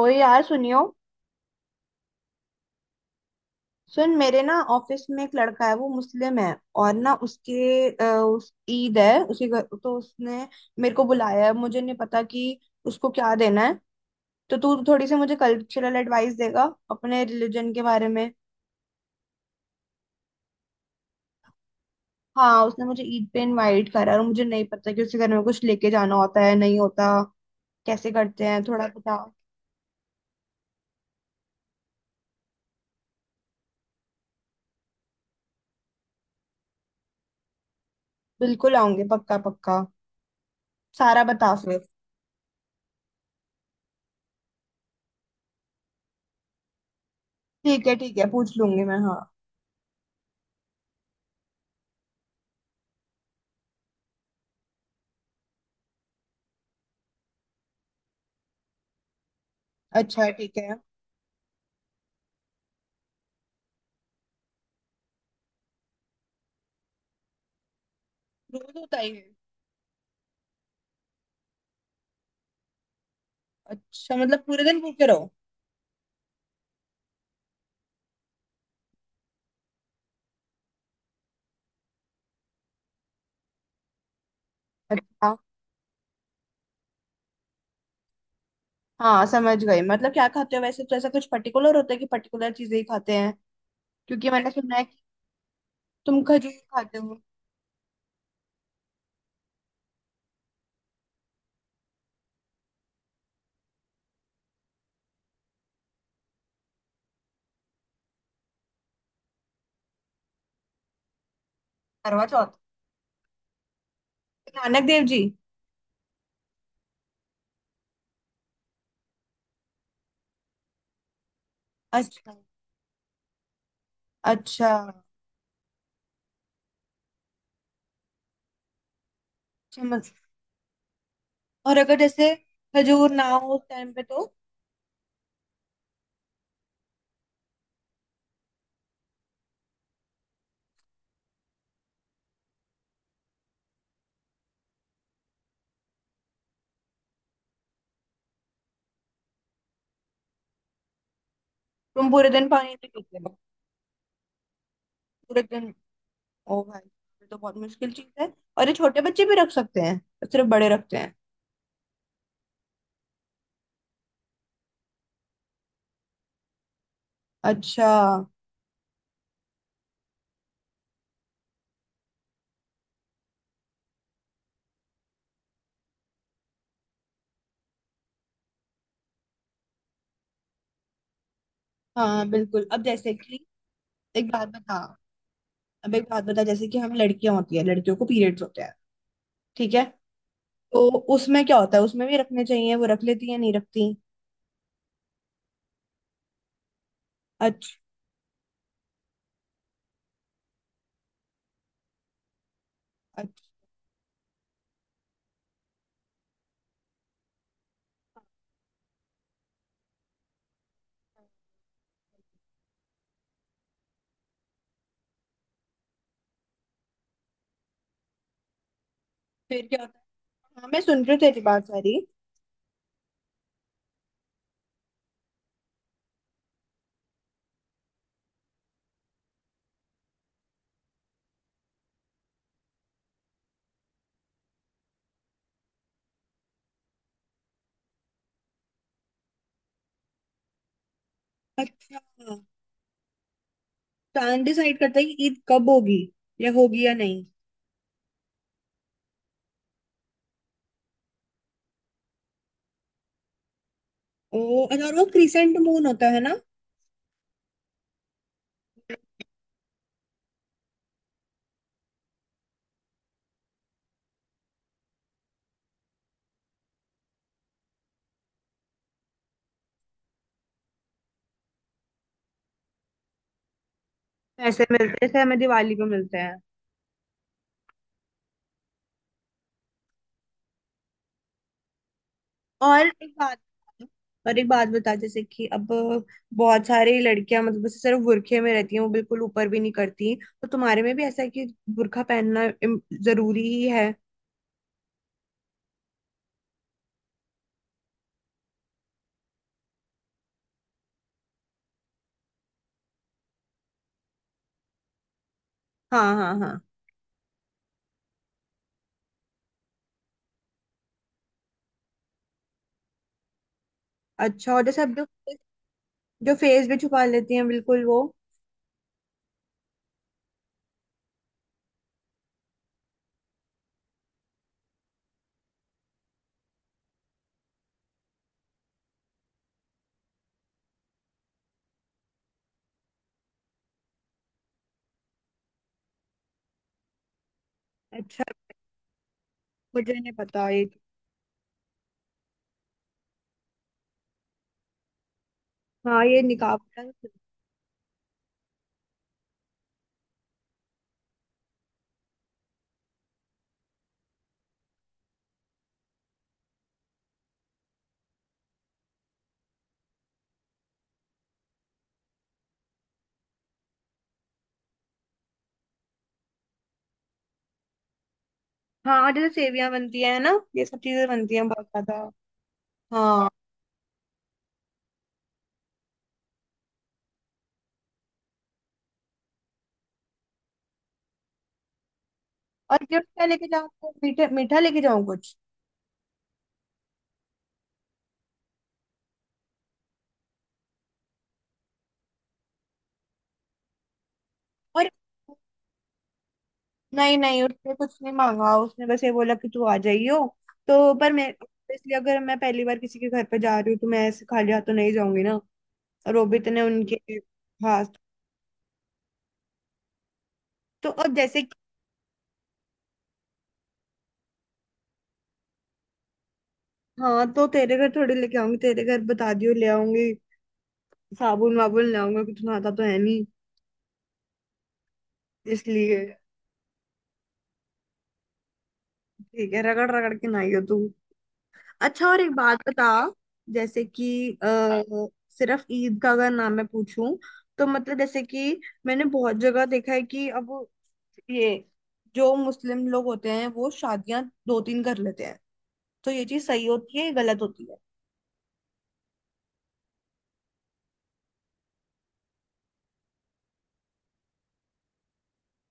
ओए यार सुनियो। सुन, मेरे ना ऑफिस में एक लड़का है, वो मुस्लिम है। और ना उसके उस ईद है उसी घर, तो उसने मेरे को बुलाया है। मुझे नहीं पता कि उसको क्या देना है, तो तू थोड़ी सी मुझे कल्चरल एडवाइस देगा अपने रिलीजन के बारे में। हाँ, उसने मुझे ईद पे इनवाइट करा है, और मुझे नहीं पता कि उसके घर में कुछ लेके जाना होता है नहीं होता। कैसे करते हैं, थोड़ा बता। बिल्कुल आऊंगी, पक्का पक्का। सारा बता फिर। ठीक है ठीक है, पूछ लूंगी मैं, हाँ। अच्छा, ठीक है। रोज होता ही है ये? अच्छा, मतलब पूरे दिन भूखे रहो। अच्छा। हाँ समझ गई। मतलब क्या खाते हो वैसे, तो ऐसा कुछ पर्टिकुलर होता है कि पर्टिकुलर चीजें ही खाते हैं? क्योंकि मैंने सुना है कि तुम खजूर खाते हो। करवा चौथ। नानक देव जी। अच्छा। अच्छा, समझ। और अगर जैसे खजूर ना हो उस टाइम पे तो? तुम पूरे दिन पानी नहीं पीते हो? पूरे दिन? ओ भाई, ये तो बहुत मुश्किल चीज है। और ये छोटे बच्चे भी रख सकते हैं? सिर्फ बड़े रखते हैं? अच्छा। हाँ बिल्कुल। अब जैसे कि एक बात बता। अब एक बात बता, जैसे कि हम लड़कियां होती है, लड़कियों को पीरियड्स होते हैं। ठीक है, तो उसमें क्या होता है, उसमें भी रखने चाहिए, वो रख लेती है नहीं रखती? अच्छा। अच्छा। फिर क्या होता है? हाँ मैं सुन रही हूँ तेरी बात सारी। अच्छा। चांद डिसाइड करता है कि ईद कब होगी या नहीं? ओ अच्छा, और वो क्रिसेंट मून होता है ना। पैसे मिलते हैं जैसे हमें दिवाली को मिलते हैं। और एक बात। और एक बात बता, जैसे कि अब बहुत सारी लड़कियां मतलब बस सिर्फ बुरखे में रहती हैं, वो बिल्कुल ऊपर भी नहीं करती। तो तुम्हारे में भी ऐसा है कि बुरखा पहनना जरूरी ही है? हाँ हाँ हाँ। अच्छा, और जैसे अब जो जो फेस भी छुपा लेती हैं बिल्कुल वो। अच्छा, मुझे नहीं पता ये। हाँ, ये निकाब वाला तो-। हाँ, और जैसे सेवियां बनती है ना, ये सब चीजें बनती हैं बहुत ज्यादा। हाँ। और गिफ्ट क्या लेके जाऊँ? मीठा मीठा लेके जाऊँ कुछ? और नहीं नहीं, उसने कुछ नहीं मांगा। उसने बस ये बोला कि तू आ जाइयो। तो पर मैं, इसलिए अगर मैं पहली बार किसी के घर पे जा रही हूँ तो मैं ऐसे खाली हाथ तो नहीं जाऊंगी ना। और वो भी इतने उनके खास। तो अब जैसे कि-। हाँ, तो तेरे घर थोड़ी लेके आऊंगी, तेरे घर बता दियो ले आऊंगी। साबुन वाबुन ले आऊंगी, कि तू नहाता तो है नहीं इसलिए। ठीक है, रगड़ रगड़ के नहाइयो तू। अच्छा और एक बात बता, जैसे कि आ, सिर्फ ईद का अगर नाम मैं पूछूं तो, मतलब जैसे कि मैंने बहुत जगह देखा है कि अब ये जो मुस्लिम लोग होते हैं वो शादियां दो तीन कर लेते हैं। तो ये चीज सही होती है ये गलत होती है?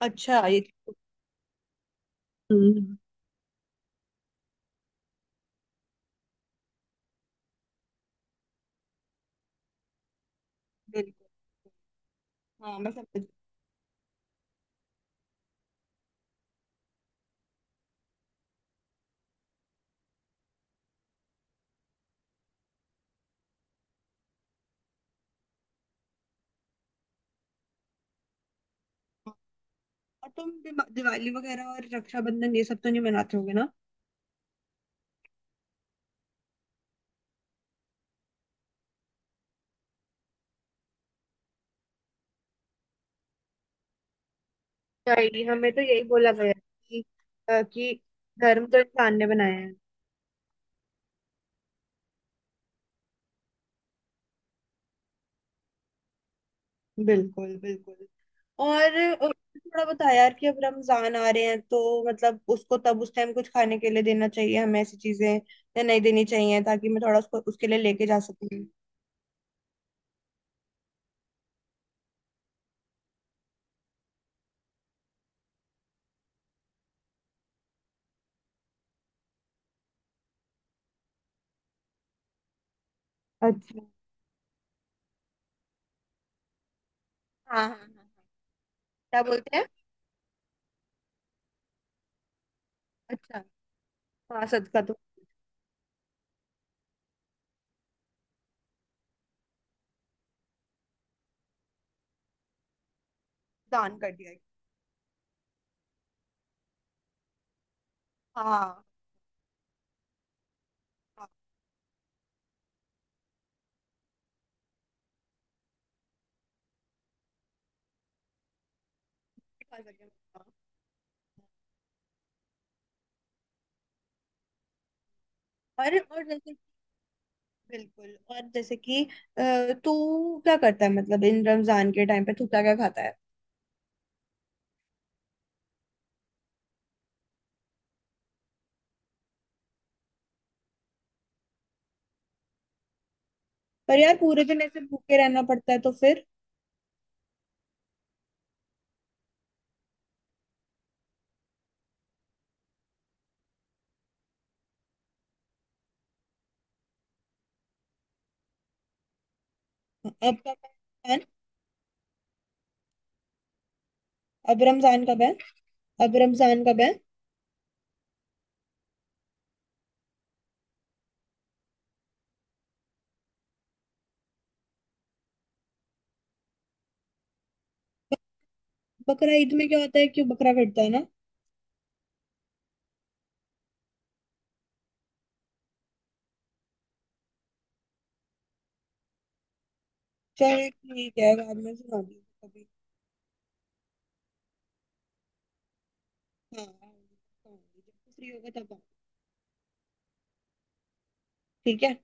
अच्छा, ये चीज़। हम्म। बिल्कुल। हाँ मैं समझ गई। हाँ। और तुम दिवाली वगैरह और रक्षाबंधन ये सब तो नहीं मनाते होगे ना? नहीं, हमें तो यही बोला गया है कि, कि धर्म तो इंसान ने बनाया है। बिल्कुल बिल्कुल। और थोड़ा बता यार कि अब रमजान आ रहे हैं तो मतलब उसको तब उस टाइम कुछ खाने के लिए देना चाहिए हमें ऐसी चीजें या नहीं देनी चाहिए, ताकि मैं थोड़ा उसको उसके लिए लेके जा सकूं। अच्छा। हाँ हाँ हाँ हाँ। क्या बोलते हैं? अच्छा। हाँ सदका तो दान कर दिया। हाँ। हाँ खा सकते हैं। और जैसे, बिल्कुल और जैसे कि तू क्या करता है मतलब इन रमजान के टाइम पे तू क्या क्या खाता है? पर यार पूरे दिन ऐसे भूखे रहना पड़ता है तो फिर? अब कब है रमजान? अब रमजान कब है? अब रमजान का है? बकरा ईद में क्या होता है, कि बकरा कटता है ना? चल ठीक है, बाद में सुना दी कभी। हाँ आऊंगी, आऊंगी, जब फ्री होगा तब आऊंगी, ठीक है।